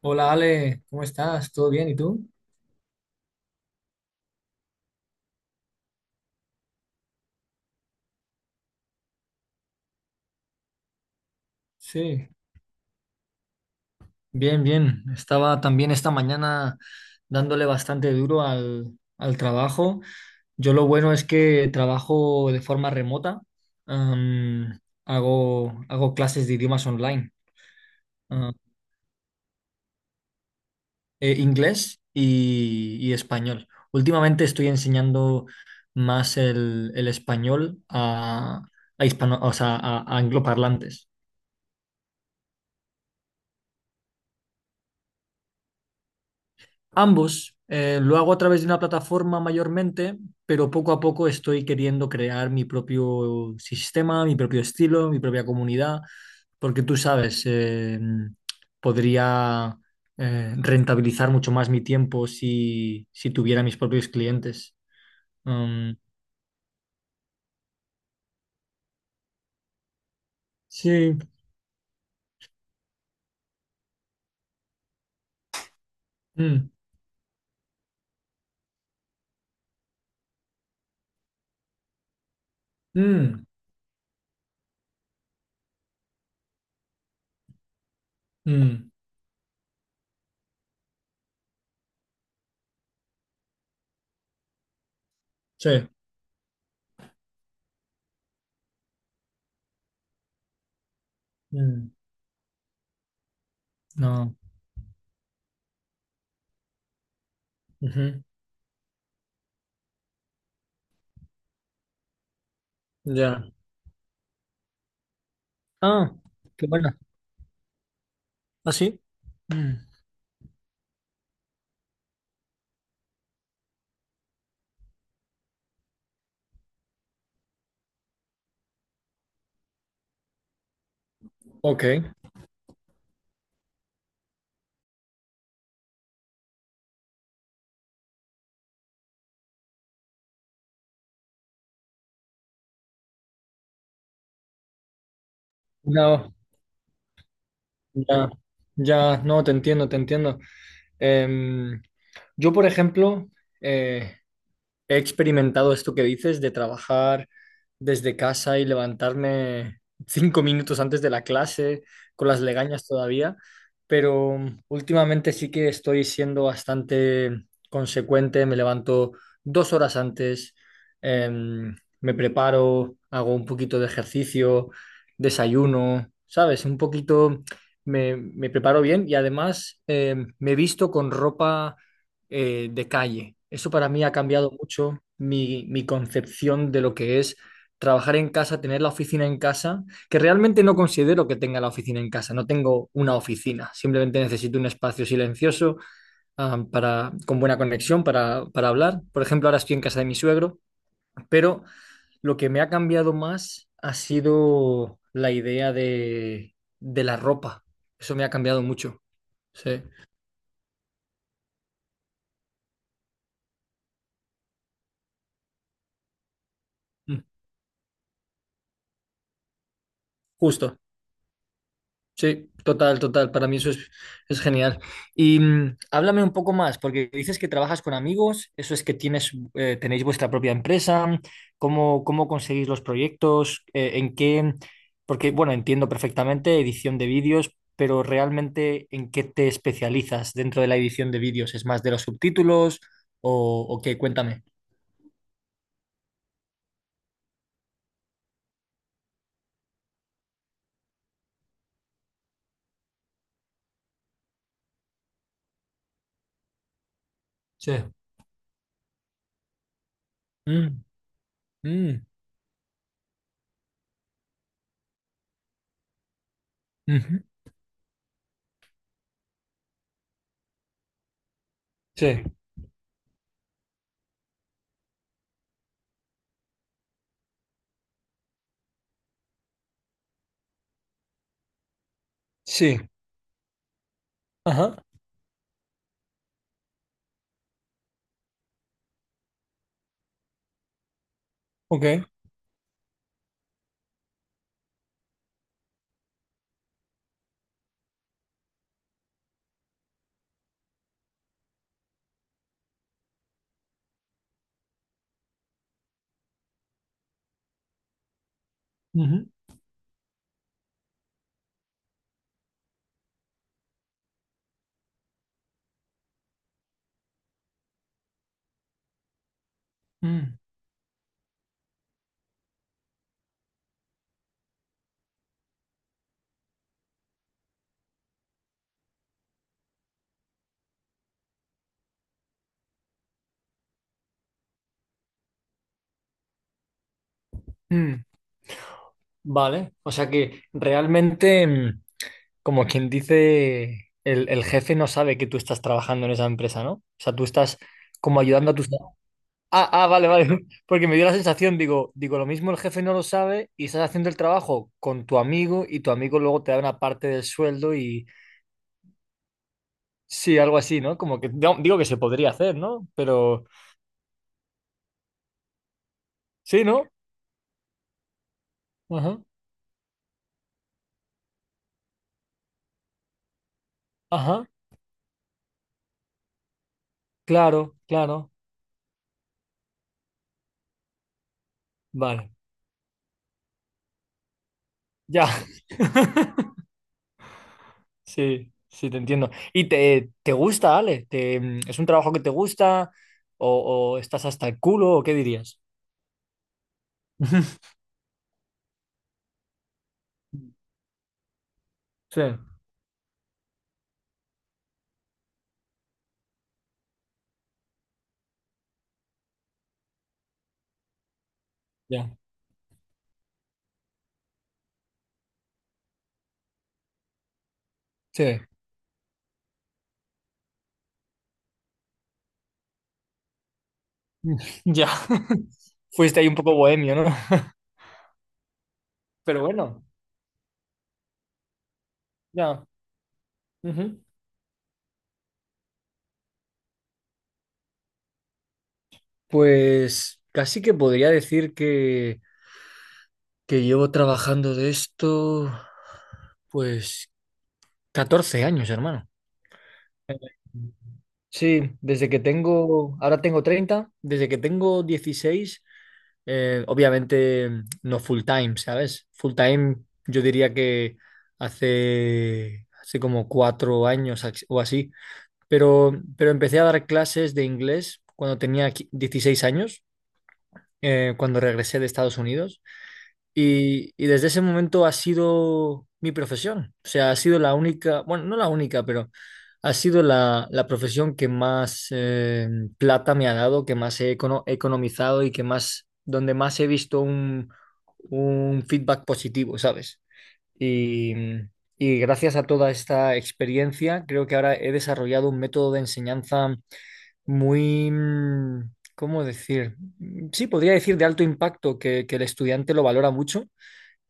Hola Ale, ¿cómo estás? ¿Todo bien? ¿Y tú? Sí, bien, bien. Estaba también esta mañana dándole bastante duro al trabajo. Yo lo bueno es que trabajo de forma remota. Am, hago clases de idiomas online, ah, inglés y español. Últimamente estoy enseñando más el español a hispano, o sea, a angloparlantes. Ambos, lo hago a través de una plataforma mayormente, pero poco a poco estoy queriendo crear mi propio sistema, mi propio estilo, mi propia comunidad, porque tú sabes, podría rentabilizar mucho más mi tiempo si tuviera mis propios clientes. Um, sí. Mm, mm, mm, sí. Mm, no. Ujú. Ya. Ah, qué bueno. ¿Ah, sí? Mm. Ok. No. Ya, ya, no, te entiendo, te entiendo. Em, yo, por ejemplo, eh, he experimentado esto que dices de trabajar desde casa y levantarme 5 minutos antes de la clase, con las legañas todavía, pero últimamente sí que estoy siendo bastante consecuente, me levanto 2 horas antes, em, me preparo, hago un poquito de ejercicio, desayuno, ¿sabes? Un poquito me preparo bien y además me visto con ropa de calle. Eso para mí ha cambiado mucho mi concepción de lo que es trabajar en casa, tener la oficina en casa, que realmente no considero que tenga la oficina en casa, no tengo una oficina, simplemente necesito un espacio silencioso, para, con buena conexión, para hablar. Por ejemplo, ahora estoy en casa de mi suegro, pero lo que me ha cambiado más ha sido la idea de la ropa. Eso me ha cambiado mucho. Sí. Mm. Justo. Sí, total, total. Para mí eso es genial. Y háblame un poco más, porque dices que trabajas con amigos, eso es que tienes, tenéis vuestra propia empresa, cómo conseguís los proyectos, en qué, porque bueno, entiendo perfectamente edición de vídeos, pero realmente en qué te especializas dentro de la edición de vídeos, ¿es más de los subtítulos o qué? Cuéntame. Sí. Mm, mm, ujú. Sí, sí. Ajá, ok. Ujú, mm, mm. Vale, o sea que realmente, como quien dice, el jefe no sabe que tú estás trabajando en esa empresa, ¿no? O sea, tú estás como ayudando a tus... Ah, ah, vale, vale, porque me dio la sensación, digo, lo mismo el jefe no lo sabe y estás haciendo el trabajo con tu amigo y tu amigo luego te da una parte del sueldo y sí, algo así, ¿no? Como que no, digo que se podría hacer, ¿no? Pero sí, ¿no? Ajá, ajá, claro, claro, vale, ya. Sí, sí, te entiendo. ¿Y te gusta, Ale? ¿Es un trabajo que te gusta? ¿O estás hasta el culo? ¿O qué dirías? Sí, ya, sí, ya. Fuiste ahí un poco bohemio, ¿no? Pero bueno, ya. Ujú. Pues casi que podría decir que llevo trabajando de esto, pues, 14 años, hermano. Sí, desde que tengo, ahora tengo 30, desde que tengo 16, obviamente no full time, ¿sabes? Full time yo diría que hace como 4 años o así, pero empecé a dar clases de inglés cuando tenía 16 años, cuando regresé de Estados Unidos. Y desde ese momento ha sido mi profesión. O sea, ha sido la única, bueno, no la única, pero ha sido la profesión que más plata me ha dado, que más he economizado y que más, donde más he visto un feedback positivo, ¿sabes? Y, y gracias a toda esta experiencia, creo que ahora he desarrollado un método de enseñanza muy, ¿cómo decir? Sí, podría decir de alto impacto, que el estudiante lo valora mucho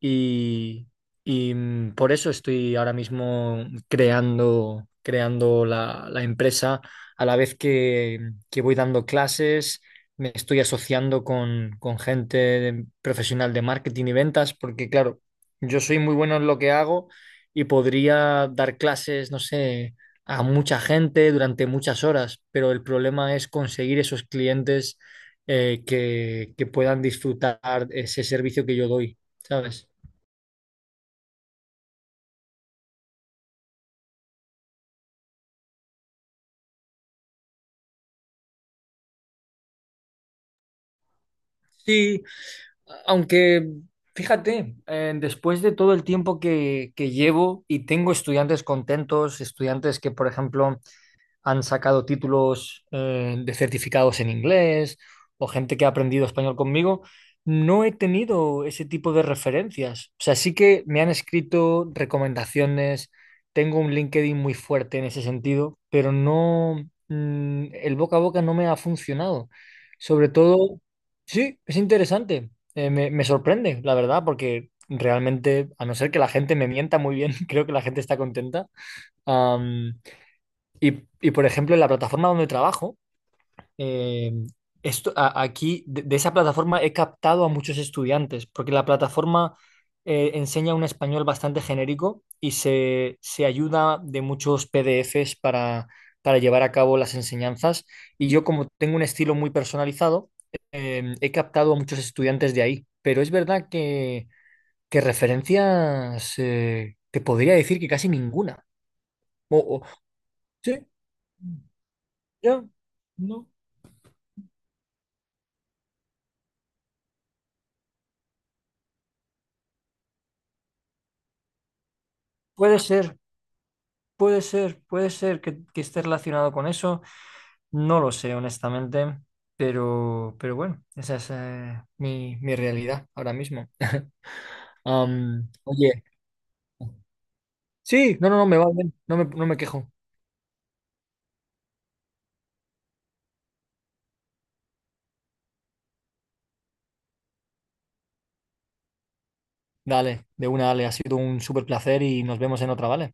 y, y por eso estoy ahora mismo creando la empresa a la vez que voy dando clases, me estoy asociando con gente profesional de marketing y ventas, porque claro, yo soy muy bueno en lo que hago y podría dar clases, no sé, a mucha gente durante muchas horas, pero el problema es conseguir esos clientes que puedan disfrutar ese servicio que yo doy, ¿sabes? Sí, aunque fíjate, después de todo el tiempo que llevo y tengo estudiantes contentos, estudiantes que, por ejemplo, han sacado títulos de certificados en inglés o gente que ha aprendido español conmigo, no he tenido ese tipo de referencias. O sea, sí que me han escrito recomendaciones, tengo un LinkedIn muy fuerte en ese sentido, pero no, el boca a boca no me ha funcionado. Sobre todo, sí, es interesante. Me sorprende, la verdad, porque realmente, a no ser que la gente me mienta muy bien, creo que la gente está contenta. Y, por ejemplo, en la plataforma donde trabajo, eh, esto, aquí de esa plataforma he captado a muchos estudiantes, porque la plataforma enseña un español bastante genérico y se ayuda de muchos PDFs para llevar a cabo las enseñanzas. Y yo, como tengo un estilo muy personalizado, he captado a muchos estudiantes de ahí. Pero es verdad que referencias, te podría decir que casi ninguna. O- o- sí, ya. No. Puede ser, puede ser, puede ser que esté relacionado con eso. No lo sé, honestamente, pero bueno, esa es mi realidad ahora mismo. Oye, sí, no, no, no, me va bien, no me quejo. Dale, de una, dale, ha sido un súper placer y nos vemos en otra, ¿vale?